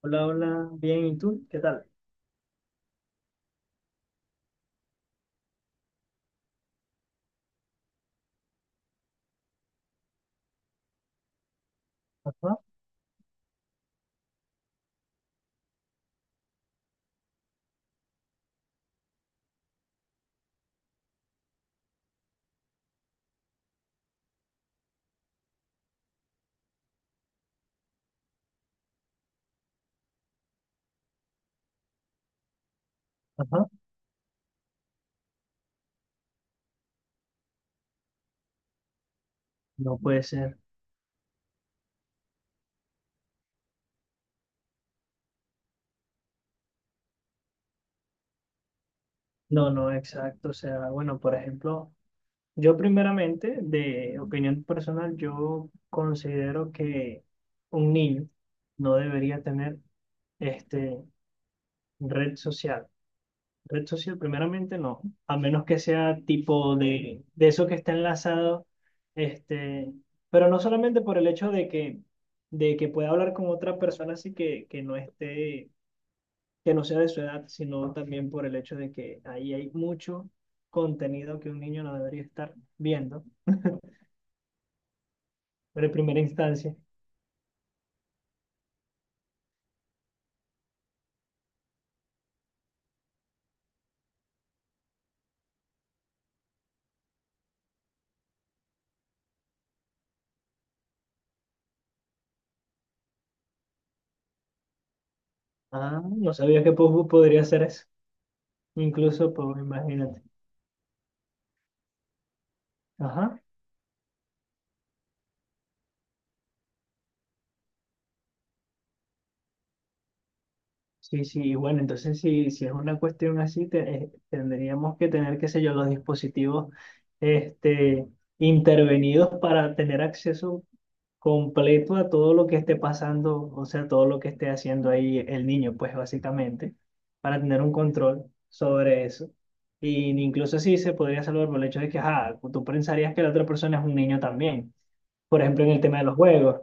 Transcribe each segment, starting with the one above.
Hola, hola, bien, ¿y tú? ¿Qué tal? Ajá, ajá. No puede ser. No, no, exacto. O sea, bueno, por ejemplo, yo primeramente, de opinión personal, yo considero que un niño no debería tener este, red social. Red social, primeramente, no, a menos que sea tipo de eso que está enlazado, este, pero no solamente por el hecho de que pueda hablar con otra persona así que no esté que no sea de su edad, sino también por el hecho de que ahí hay mucho contenido que un niño no debería estar viendo, pero en primera instancia. Ah, no sabía que podría hacer eso, incluso, pues, imagínate. Ajá. Sí, sí, y bueno, entonces si es una cuestión así, tendríamos que tener, qué sé yo, los dispositivos este, intervenidos para tener acceso completo a todo lo que esté pasando, o sea, todo lo que esté haciendo ahí el niño, pues básicamente, para tener un control sobre eso. Y incluso sí se podría salvar por el hecho de que, ajá, tú pensarías que la otra persona es un niño también, por ejemplo, en el tema de los juegos.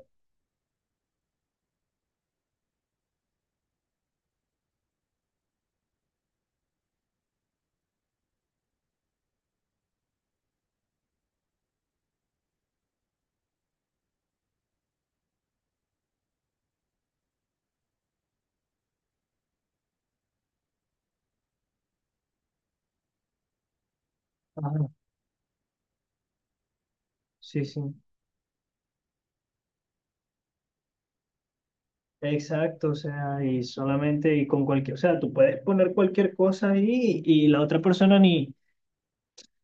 Ajá, sí, sí. Exacto, o sea, y solamente y con cualquier, o sea, tú puedes poner cualquier cosa ahí y la otra persona ni,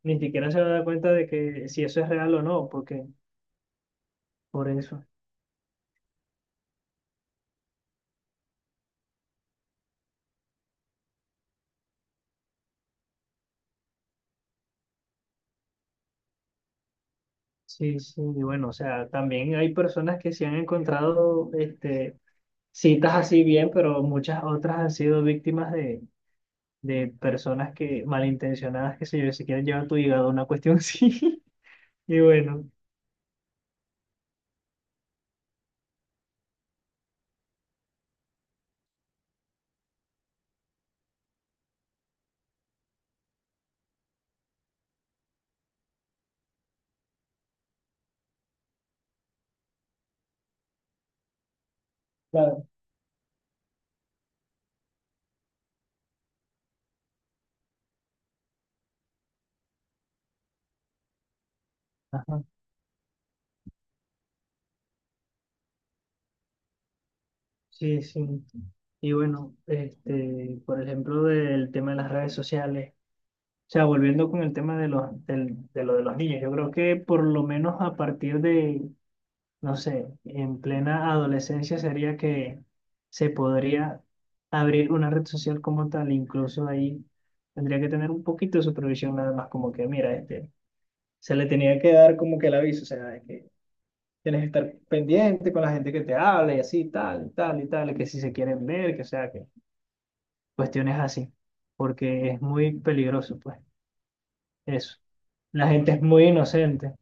ni siquiera se va a dar cuenta de que si eso es real o no, porque por eso. Sí, sí, y bueno, o sea, también hay personas que se han encontrado citas así bien, pero muchas otras han sido víctimas de personas que malintencionadas, que se yo, se quieren llevar tu hígado, una cuestión así. Y bueno, claro. Ajá. Sí, sí. Y bueno, por ejemplo, del tema de las redes sociales, o sea, volviendo con el tema de los, del- de lo de los niños, yo creo que por lo menos a partir de, no sé, en plena adolescencia sería que se podría abrir una red social como tal, incluso ahí tendría que tener un poquito de supervisión nada más, como que, mira, se le tenía que dar como que el aviso, o sea, de que tienes que estar pendiente con la gente que te habla y así, tal, y tal, y tal, y que si se quieren ver, que o sea, que cuestiones así, porque es muy peligroso, pues, eso. La gente es muy inocente.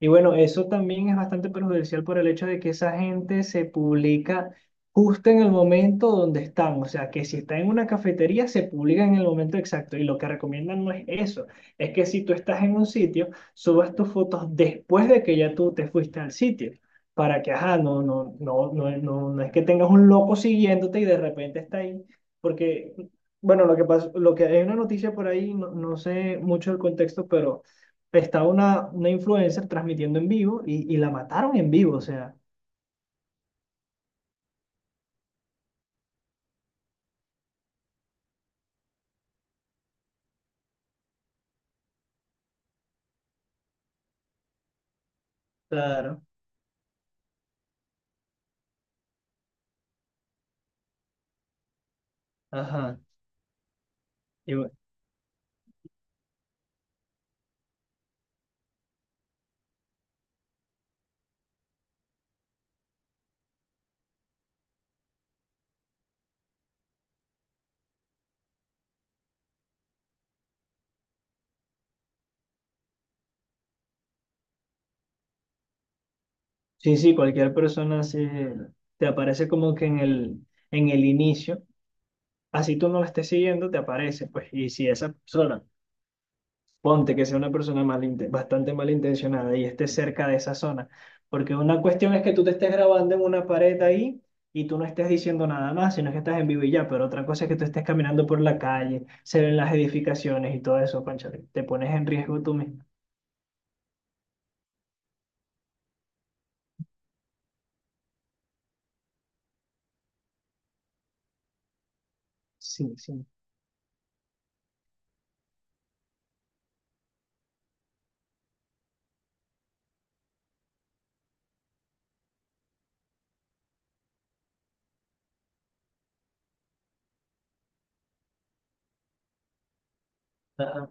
Y bueno, eso también es bastante perjudicial por el hecho de que esa gente se publica justo en el momento donde están. O sea, que si está en una cafetería, se publica en el momento exacto. Y lo que recomiendan no es eso. Es que si tú estás en un sitio, subas tus fotos después de que ya tú te fuiste al sitio. Para que, ajá, no, no, no, no, no, no es que tengas un loco siguiéndote y de repente está ahí. Porque, bueno, lo que pasa, lo que hay una noticia por ahí, no, no sé mucho el contexto, pero estaba una influencer transmitiendo en vivo y la mataron en vivo, o sea, claro, ajá. y bu- sí, sí, cualquier persona te aparece como que en el inicio, así tú no la estés siguiendo, te aparece, pues, y si esa persona, ponte que sea una persona bastante malintencionada y esté cerca de esa zona. Porque una cuestión es que tú te estés grabando en una pared ahí y tú no estés diciendo nada más, sino que estás en vivo y ya. Pero otra cosa es que tú estés caminando por la calle, se ven las edificaciones y todo eso, cónchale. Te pones en riesgo tú mismo. Sí, sí. Ajá.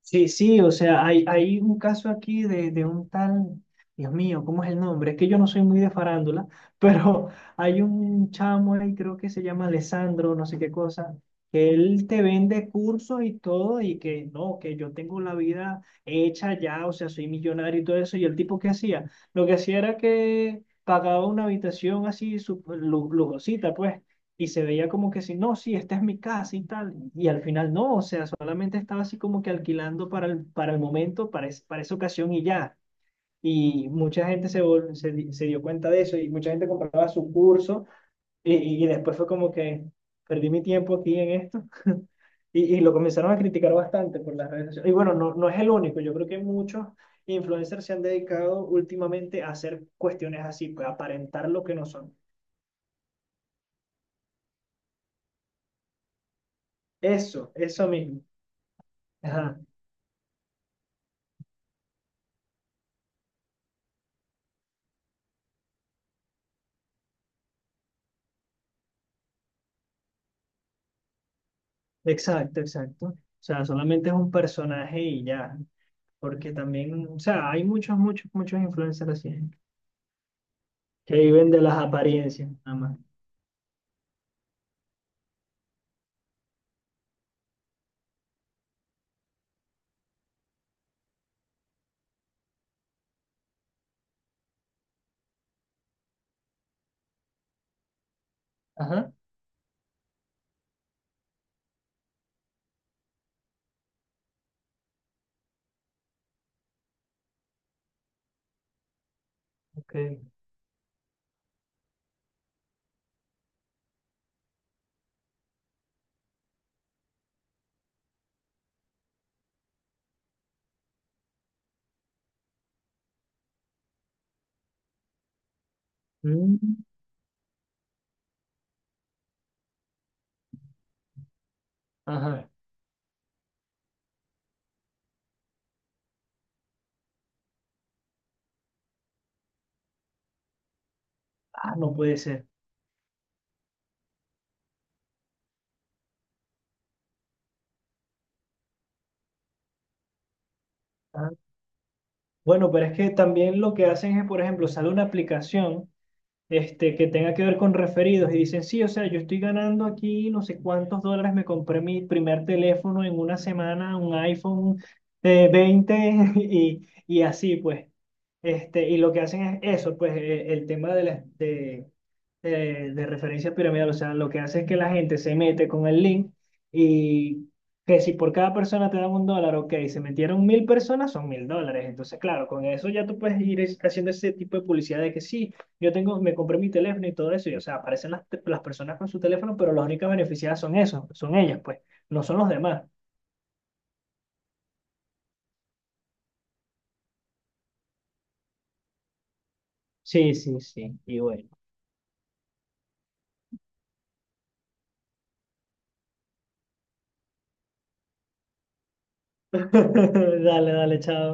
Sí, sí, o sea, hay un caso aquí de un tal, Dios mío, ¿cómo es el nombre? Es que yo no soy muy de farándula, pero hay un chamo ahí, creo que se llama Alessandro, no sé qué cosa, que él te vende cursos y todo, y que no, que yo tengo la vida hecha ya, o sea, soy millonario y todo eso, y el tipo que hacía, lo que hacía era que pagaba una habitación así, lujosita, pues, y se veía como que si, no, sí, esta es mi casa y tal. Y al final no, o sea, solamente estaba así como que alquilando para el momento, para esa ocasión y ya. Y mucha gente se, vol- se, di- se dio cuenta de eso y mucha gente compraba su curso y después fue como que perdí mi tiempo aquí en esto. Y lo comenzaron a criticar bastante por las redes sociales. Y bueno, no, no es el único, yo creo que muchos influencers se han dedicado últimamente a hacer cuestiones así, pues aparentar lo que no son. Eso mismo. Ajá. Exacto, exacto. O sea, solamente es un personaje y ya, porque también, o sea, hay muchos, muchos, muchos influencers así, ¿eh? Que viven de las apariencias, nada más. Ajá, ok. Mm, ajá. Ah, no puede ser. Ah, bueno, pero es que también lo que hacen es, por ejemplo, sale una aplicación. Que tenga que ver con referidos y dicen, sí, o sea, yo estoy ganando aquí no sé cuántos dólares, me compré mi primer teléfono en una semana, un iPhone 20. Y así pues. Y lo que hacen es eso, pues el tema de referencia piramidal, o sea, lo que hace es que la gente se mete con el link y que si por cada persona te dan un dólar, ok, se metieron 1000 personas, son 1000 dólares. Entonces, claro, con eso ya tú puedes ir haciendo ese tipo de publicidad de que sí, yo tengo, me compré mi teléfono y todo eso, y o sea, aparecen las personas con su teléfono, pero las únicas beneficiadas son esos, son ellas, pues, no son los demás. Sí, sí, sí, y bueno. Dale, dale, chao.